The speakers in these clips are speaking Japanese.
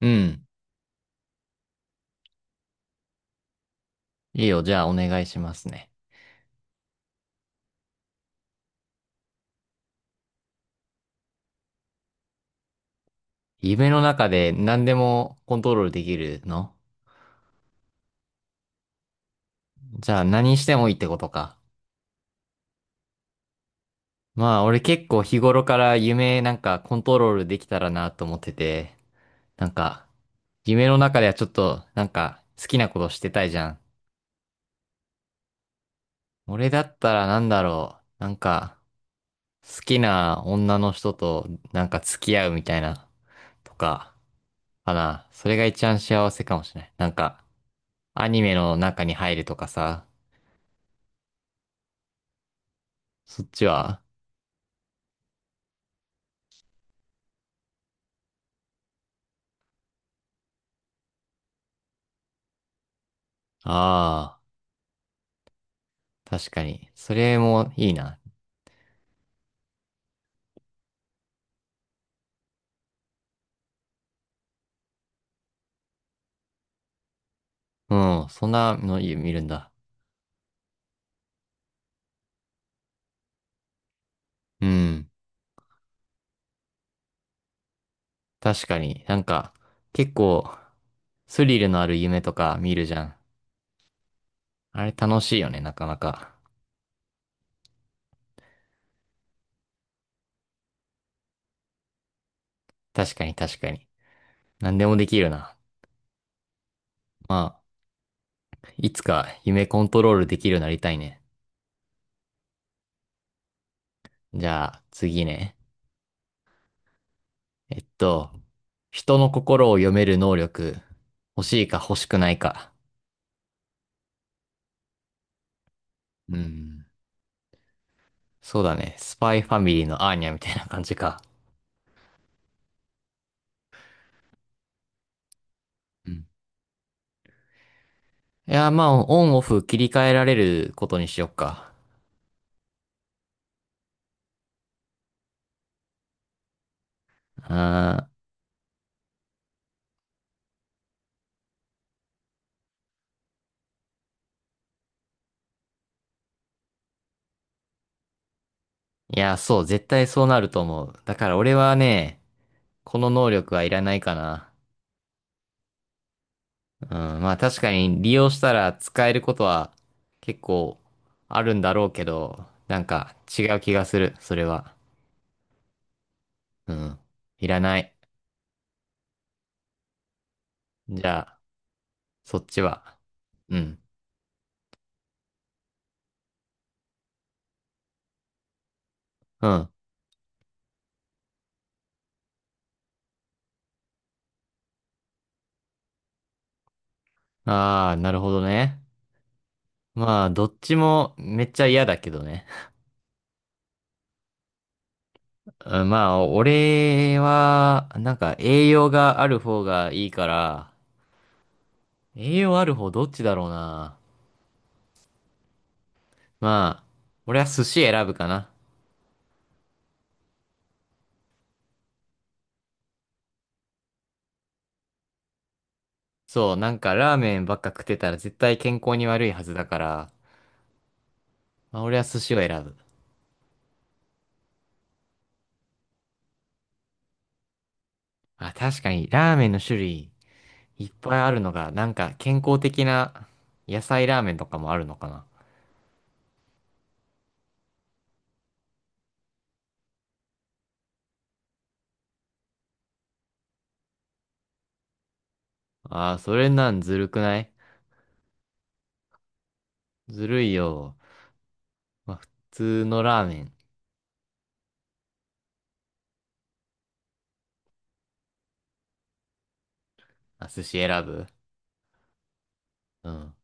うん。いいよ。じゃあ、お願いしますね。夢の中で何でもコントロールできるの？じゃあ、何してもいいってことか。まあ、俺結構日頃から夢なんかコントロールできたらなと思ってて、なんか、夢の中ではちょっと、なんか、好きなことしてたいじゃん。俺だったらなんだろう。なんか、好きな女の人となんか付き合うみたいな、とか、かな。それが一番幸せかもしれない。なんか、アニメの中に入るとかさ。そっちは？ああ、確かに。それもいいな。うん、そんなの見るんだ。うん、確かに。なんか、結構、スリルのある夢とか見るじゃん。あれ楽しいよね、なかなか。確かに確かに。何でもできるな。まあ、いつか夢コントロールできるようになりたいね。じゃあ、次ね。えっと、人の心を読める能力、欲しいか欲しくないか。うん。そうだね。スパイファミリーのアーニャみたいな感じか。うん。いや、まあ、オンオフ切り替えられることにしよっか。あー、いや、そう、絶対そうなると思う。だから俺はね、この能力はいらないかな。うん、まあ確かに利用したら使えることは結構あるんだろうけど、なんか違う気がする、それは。うん、いらない。じゃあ、そっちは？うん、うん。ああ、なるほどね。まあ、どっちもめっちゃ嫌だけどね。うん。まあ、俺は、なんか栄養がある方がいいから、栄養ある方どっちだろうな。まあ、俺は寿司選ぶかな。そう、なんかラーメンばっか食ってたら絶対健康に悪いはずだから、まあ、俺は寿司を選ぶ。あ、確かにラーメンの種類いっぱいあるのが、なんか健康的な野菜ラーメンとかもあるのかな。あー、それなんずるくない？ずるいよ。まあ、普通のラーメン。あ、寿司選ぶ？うん。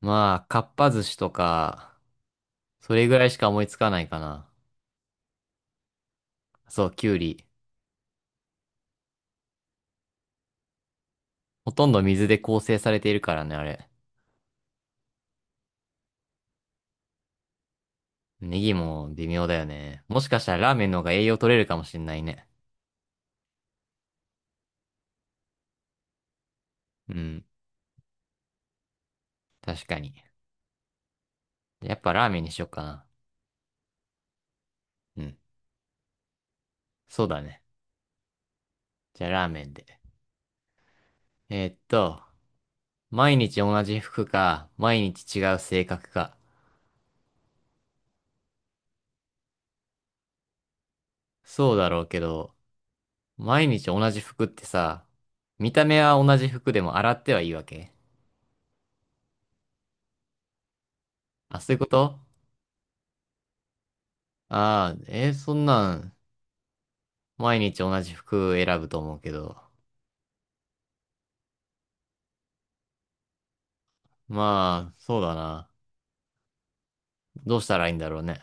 まあ、かっぱ寿司とか、それぐらいしか思いつかないかな。そう、きゅうり。ほとんど水で構成されているからね、あれ。ネギも微妙だよね。もしかしたらラーメンの方が栄養取れるかもしんないね。うん。確かに。やっぱラーメンにしよっかな。うん。そうだね。じゃあラーメンで。えーっと、毎日同じ服か、毎日違う性格か。そうだろうけど、毎日同じ服ってさ、見た目は同じ服でも洗ってはいいわけ？あ、そういうこと？ああー、そんなん、毎日同じ服選ぶと思うけど。まあ、そうだな。どうしたらいいんだろうね。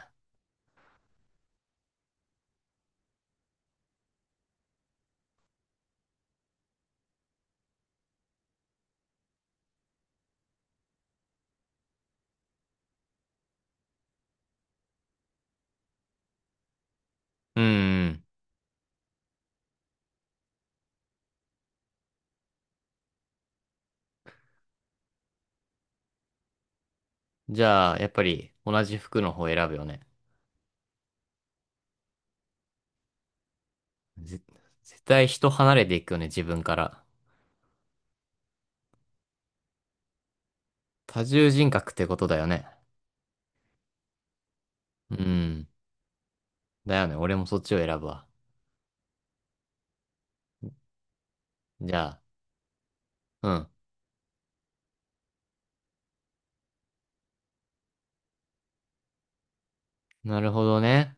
うん。じゃあ、やっぱり同じ服の方選ぶよね。ぜ絶対人離れていくよね、自分から。多重人格ってことだよね。うん。だよね、俺もそっちを選ぶわ。じゃあ、うん。なるほどね。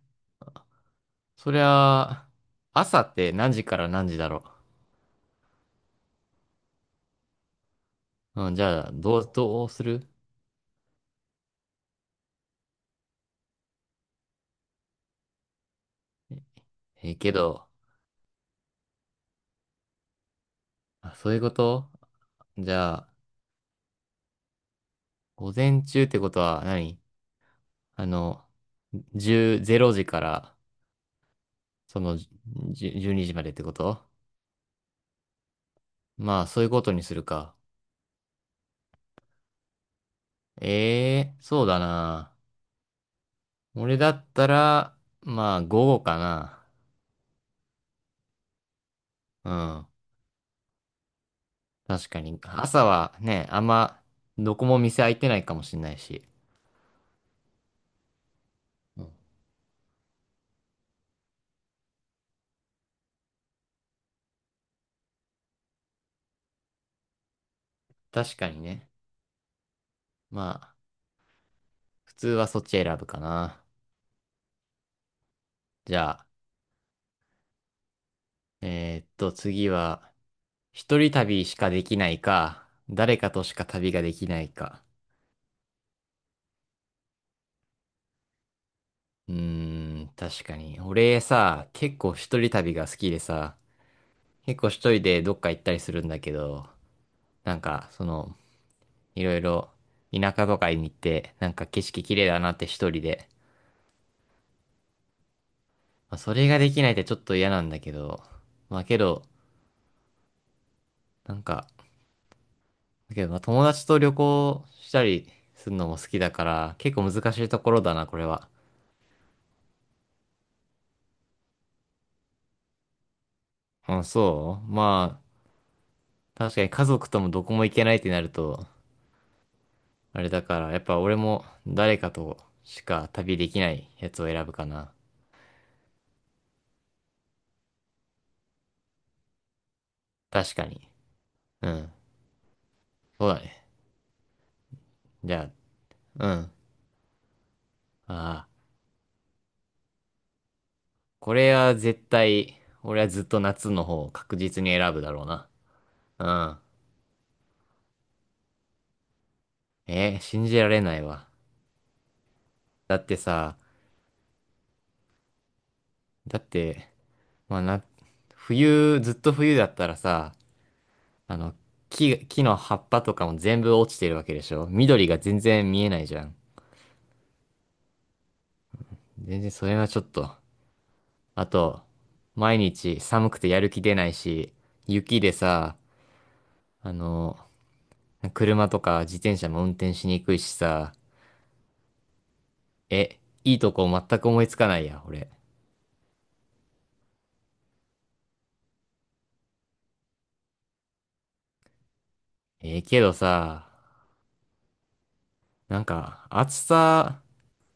そりゃ、朝って何時から何時だろう？うん、じゃあ、どうする？けど、あ、そういうこと？じゃあ、午前中ってことは何？あの、10、0時から、その、10 12時までってこと？まあ、そういうことにするか。ええそうだな。俺だったら、まあ、午後かな。うん。確かに。朝はね、あんま、どこも店開いてないかもしれないし。うん。確かにね。まあ、普通はそっち選ぶかな。じゃあ、次は、一人旅しかできないか、誰かとしか旅ができないか。うーん、確かに。俺さ、結構一人旅が好きでさ、結構一人でどっか行ったりするんだけど、なんか、その、いろいろ田舎とかに行って、なんか景色綺麗だなって一人で。まあ、それができないってちょっと嫌なんだけど、まあけど、なんか、だけどまあ友達と旅行したりするのも好きだから、結構難しいところだな、これは。あ、そうまあ、確かに家族ともどこも行けないってなると、あれだから、やっぱ俺も誰かとしか旅できないやつを選ぶかな。確かに。うん。そうだね。じゃあ、うん。ああ。これは絶対、俺はずっと夏の方を確実に選ぶだろうな。うん。信じられないわ。だってさ、だって、まあな、ずっと冬だったらさ、あの、木の葉っぱとかも全部落ちてるわけでしょ？緑が全然見えないじゃん。全然それはちょっと。あと、毎日寒くてやる気出ないし、雪でさ、あの、車とか自転車も運転しにくいしさ、え、いいとこ全く思いつかないや、俺。ええけどさ、なんか、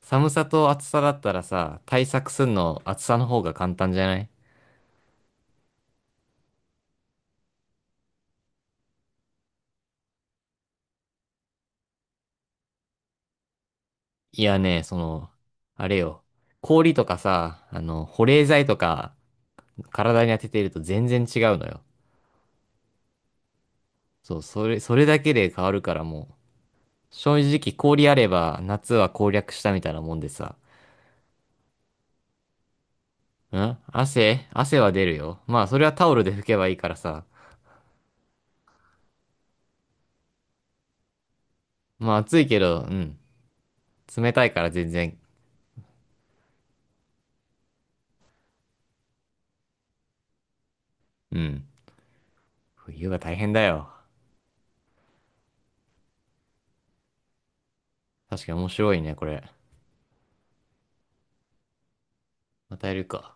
寒さと暑さだったらさ、対策すんの暑さの方が簡単じゃない？いやね、その、あれよ。氷とかさ、あの、保冷剤とか体に当てていると全然違うのよ。そう、それだけで変わるからもう、正直氷あれば夏は攻略したみたいなもんでさ、ん、汗は出るよ。まあそれはタオルで拭けばいいからさ。まあ暑いけど、うん。冷たいから全然。うん。冬が大変だよ。確かに面白いね、これ。またやるか。